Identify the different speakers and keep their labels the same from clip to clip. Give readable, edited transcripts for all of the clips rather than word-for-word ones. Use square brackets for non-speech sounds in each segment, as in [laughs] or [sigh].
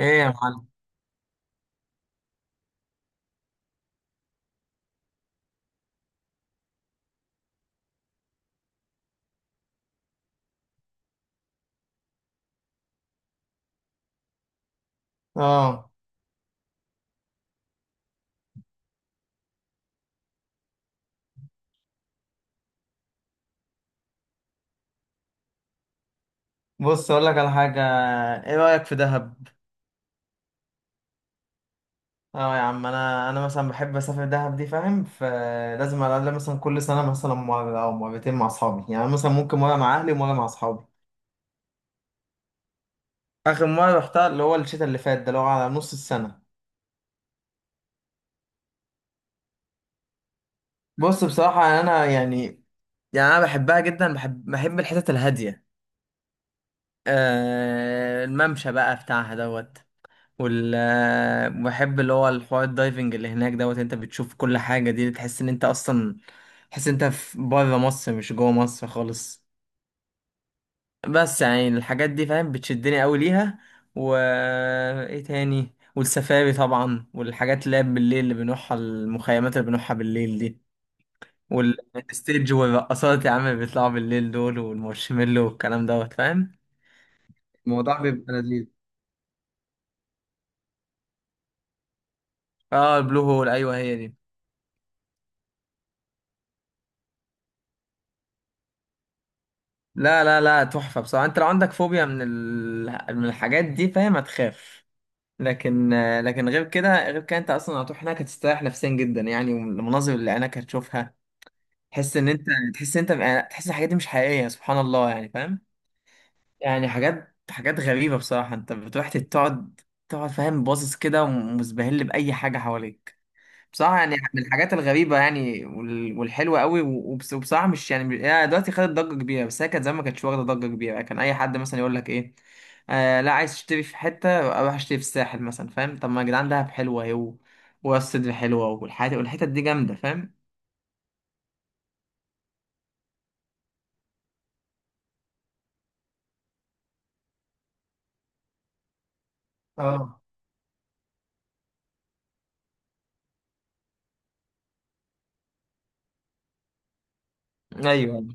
Speaker 1: ايه يا معلم. اه. بص اقول لك على حاجه. ايه رايك في دهب؟ اه يا عم، انا مثلا بحب اسافر دهب دي، فاهم؟ فلازم على الاقل مثلا كل سنه مثلا مره او مرتين مع اصحابي، يعني مثلا ممكن مره مع اهلي ومره مع اصحابي. اخر مره رحتها اللي هو الشتاء اللي فات ده، اللي هو على نص السنه. بص بصراحه يعني انا يعني، يعني انا بحبها جدا، بحب الحتت الهاديه. آه، الممشى بقى بتاعها دوت، وال بحب اللي هو الحوار الدايفنج اللي هناك دوت. انت بتشوف كل حاجة دي تحس ان انت اصلا تحس ان انت في بره مصر مش جوه مصر خالص. بس يعني الحاجات دي فاهم بتشدني قوي ليها. و ايه تاني؟ والسفاري طبعا، والحاجات اللي هي بالليل اللي بنروحها، المخيمات اللي بنروحها بالليل دي، والستيج والرقصات يا عم اللي بيطلعوا بالليل دول، والمارشميلو والكلام دوت فاهم. الموضوع بيبقى لذيذ. اه، البلو هول، ايوه هي دي. لا لا لا، تحفة بصراحة. انت لو عندك فوبيا من من الحاجات دي فاهم هتخاف. لكن، لكن غير كده، غير كده انت اصلا هتروح هناك هتستريح نفسيا جدا يعني، والمناظر اللي عينك هتشوفها تحس ان انت، تحس ان انت يعني تحس الحاجات دي مش حقيقية، سبحان الله، يعني فاهم. يعني حاجات غريبة بصراحة. انت بتروح تقعد، تقعد فاهم باصص كده ومزبهل بأي حاجة حواليك. بصراحة يعني من الحاجات الغريبة يعني، والحلوة قوي. وبس- وبصراحة مش يعني مش- هي دلوقتي خدت ضجة كبيرة، بس هي كانت زمان ما كانتش واخدة ضجة كبيرة، يعني كان أي حد مثلا يقول لك إيه، آه لا، عايز تشتري في حتة، أروح أشتري في الساحل مثلا، فاهم؟ طب ما يا جدعان دهب حلوة أهي، وراس سدر حلوة، والحتت دي جامدة فاهم. اه، ايوه.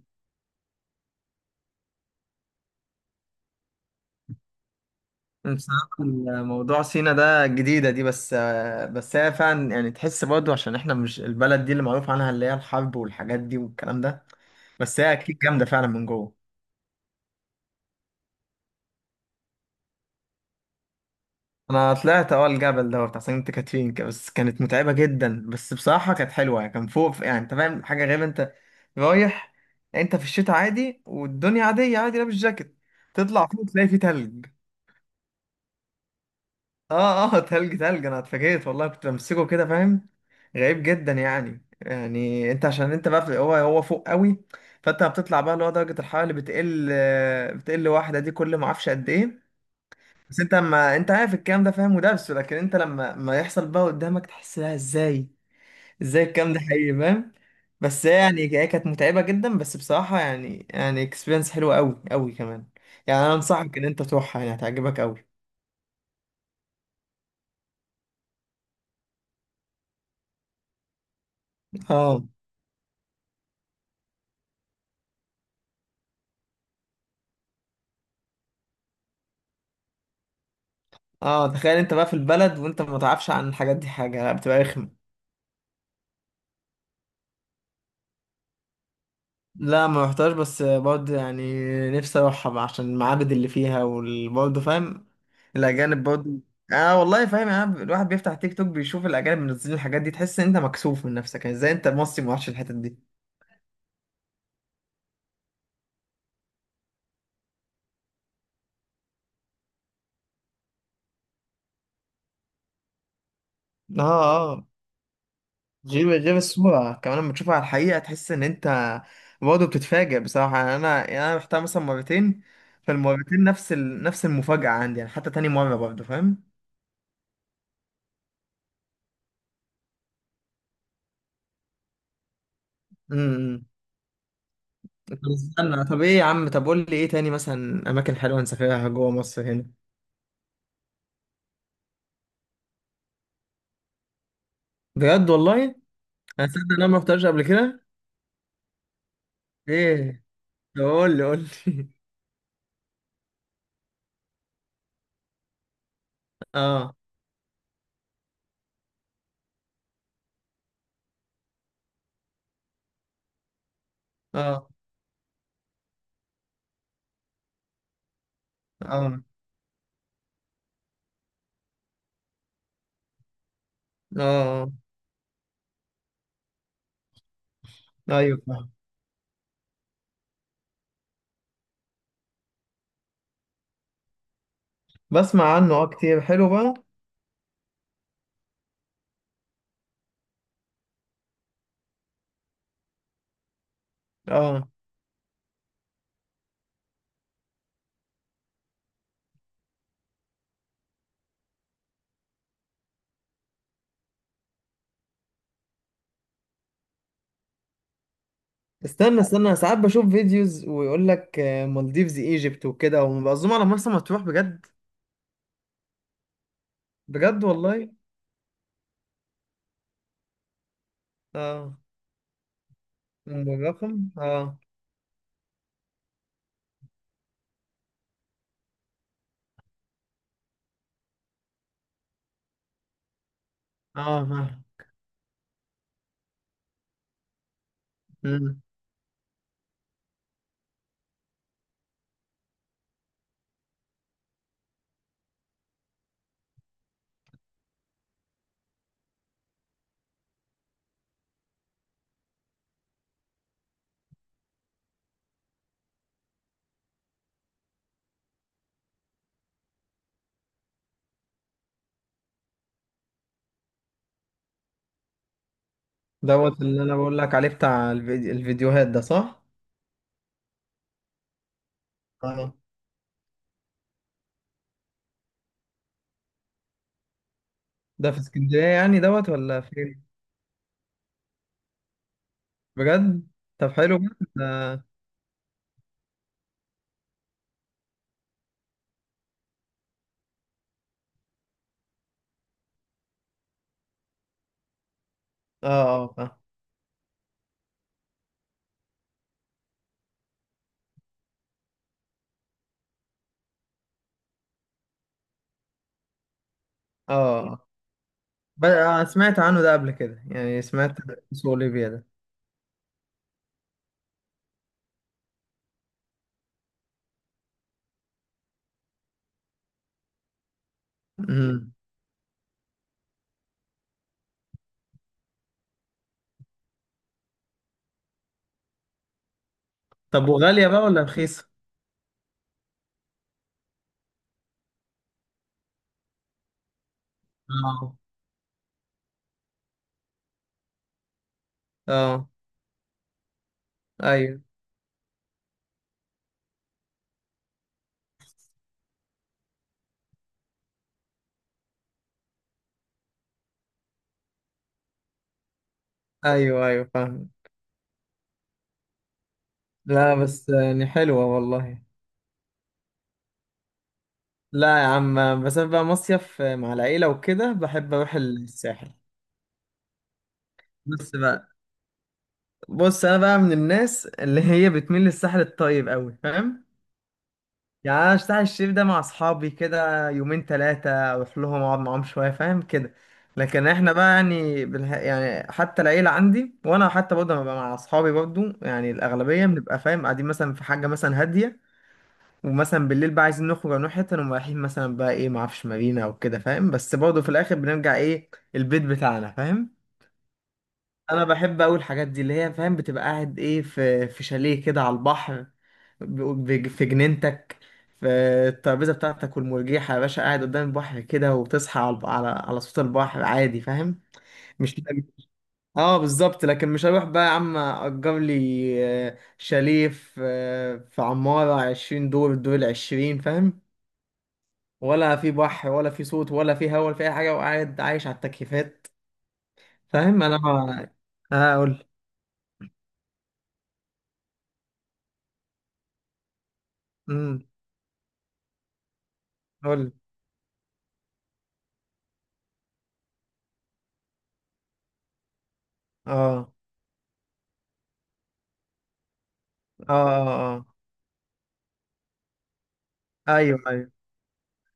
Speaker 1: بصراحة الموضوع سينا ده جديدة دي، بس بس هي فعلا يعني تحس برضو عشان احنا مش البلد دي اللي معروف عنها اللي هي الحرب والحاجات دي والكلام ده. بس هي اكيد جامدة فعلا من جوه. انا طلعت اه الجبل ده بتاع سانت كاترين كده، بس كانت متعبه جدا، بس بصراحه كانت حلوه، يعني كان فوق يعني انت فاهم حاجه غريبه. انت رايح، انت في الشتاء عادي والدنيا عاديه، عادي لابس جاكيت، تطلع فوق تلاقي فيه تلج. اه اه [laughs] تلج، تلج، انا اتفاجئت والله، كنت بمسكه كده فاهم. غريب جدا يعني، يعني انت عشان انت بقى في هو فوق قوي، فانت بتطلع بقى اللي هو درجه الحراره اللي بتقل، بتقل واحده دي كل ما اعرفش قد ايه. بس انت ما انت عارف الكلام ده فاهم ودرسه، لكن انت لما ما يحصل بقى قدامك تحس لها ازاي، ازاي الكلام ده حقيقي فاهم. بس هي يعني هي كانت متعبة جدا، بس بصراحة يعني، يعني اكسبيرينس حلوة قوي قوي كمان. يعني انا انصحك ان انت تروحها، يعني هتعجبك قوي. اه اه. تخيل انت بقى في البلد وانت ما تعرفش عن الحاجات دي حاجة، لا بتبقى رخمة. لا ما رحتهاش، بس برضه يعني نفسي اروحها عشان المعابد اللي فيها، وبرضه فاهم الاجانب برضه. اه والله، فاهم يعني الواحد بيفتح تيك توك بيشوف الاجانب منزلين الحاجات دي، تحس ان انت مكسوف من نفسك يعني، ازاي انت مصري ما رحتش الحتت دي. اه اه. غير الصورة كمان لما تشوفها على الحقيقة تحس ان انت برضه بتتفاجئ بصراحة، يعني انا، يعني انا رحتها مثلا مرتين. فالمرتين نفس نفس المفاجأة عندي، يعني حتى تاني مرة برضه فاهم. طب استنى، طب ايه يا عم، طب قول لي ايه تاني مثلا اماكن حلوه نسافرها جوه مصر هنا؟ بجد والله، انا صدق إن انا ما رحتش قبل كده. ايه؟ طب قول لي، قول لي. [laughs] اه اه. اه اه. ايوه فاهم. بسمع عنه اه كتير، حلو بقى. اه. استنى استنى، ساعات بشوف فيديوز ويقول لك آه، مالديفز ايجيبت وكده، ومبقى على مرسى مطروح بجد؟ بجد والله. اه. أم الرقم اه. اه فاهم. دوت اللي انا بقول لك عليه بتاع الفيديو، الفيديوهات ده صح؟ اه. ده في اسكندرية يعني دوت، ولا فين؟ بجد؟ طب حلو بقى ده- اه اه فاهم. اه. آه. بقى سمعت عنه ده قبل كده، يعني سمعت اسمه اوليفيا ده. امم. طب وغالية بقى ولا رخيصة؟ اه. اه. ايوه ايوه. ايوه فاهم. لا بس يعني حلوة والله. لا يا عم، بس أنا بقى مصيف مع العيلة وكده بحب اروح الساحل. بس بقى، بص انا بقى من الناس اللي هي بتميل للساحل الطيب قوي فاهم. يعني انا الساحل الشريف ده مع اصحابي كده يومين ثلاثه اروح لهم اقعد معاهم شويه فاهم كده. لكن احنا بقى يعني يعني حتى العيله عندي، وانا حتى برضه لما ببقى مع اصحابي برضه، يعني الاغلبيه بنبقى فاهم قاعدين مثلا في حاجه مثلا هاديه. ومثلا بالليل بقى عايزين نخرج أو نروح حته، نقوم رايحين مثلا بقى ايه، معرفش مارينا او كده فاهم، بس برضه في الاخر بنرجع ايه البيت بتاعنا فاهم. انا بحب اقول الحاجات دي اللي هي فاهم بتبقى قاعد ايه في شاليه كده على البحر، ب- في جنينتك، في الترابيزه بتاعتك والمرجيحه يا باشا، قاعد قدام البحر كده، وتصحى على على على صوت البحر عادي فاهم. مش [laughs] اه بالظبط. لكن مش هروح بقى يا عم اجر لي آه، شاليه في آه، في عماره 20 دور، الدور العشرين فاهم، ولا في بحر ولا في صوت ولا في هوا ولا في اي حاجه، وقاعد عايش على التكييفات. فاهم انا ما- اه قول. امم قول. اه اه. اه. آه. ايوه ايوه.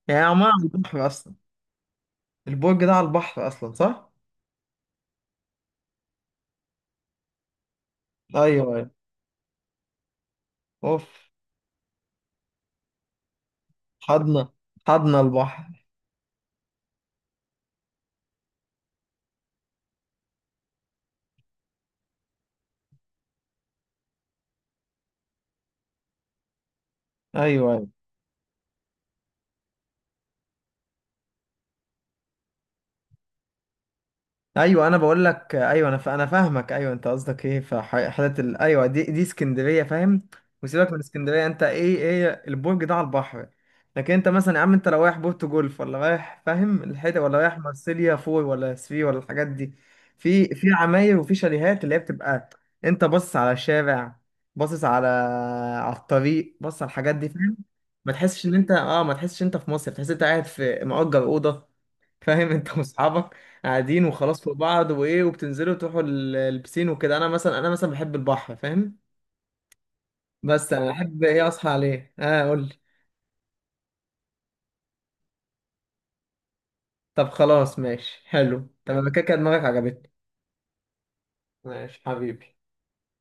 Speaker 1: يعني عمان على البحر اصلا، البرج ده على البحر اصلا صح؟ ايوه ايوه. اوف، حضنا، حضنا البحر. ايوه أيوه. ايوه انا بقول لك ايوه، انا فاهمك ايوه، انت قصدك ايه في حتت ايوه دي دي اسكندريه فاهم. وسيبك من اسكندريه، انت ايه، ايه البرج ده على البحر، لكن انت مثلا يا عم انت لو رايح بورتو جولف، ولا رايح فاهم الحته، ولا رايح مارسيليا فور، ولا سفي، ولا الحاجات دي، في عماير وفي شاليهات اللي هي بتبقى انت باصص على الشارع، باصص على على الطريق، باصص على الحاجات دي فاهم. ما تحسش ان انت اه ما تحسش ان انت في مصر، تحس ان انت قاعد في مأجر اوضه فاهم، [laughs] انت واصحابك قاعدين وخلاص فوق بعض، وايه، وبتنزلوا تروحوا البسين وكده. انا مثلا، انا مثلا بحب البحر فاهم. بس انا بحب ايه اصحى عليه. اه قول لي. طب خلاص ماشي، حلو تمام كده، كده دماغك عجبتني. ماشي حبيبي.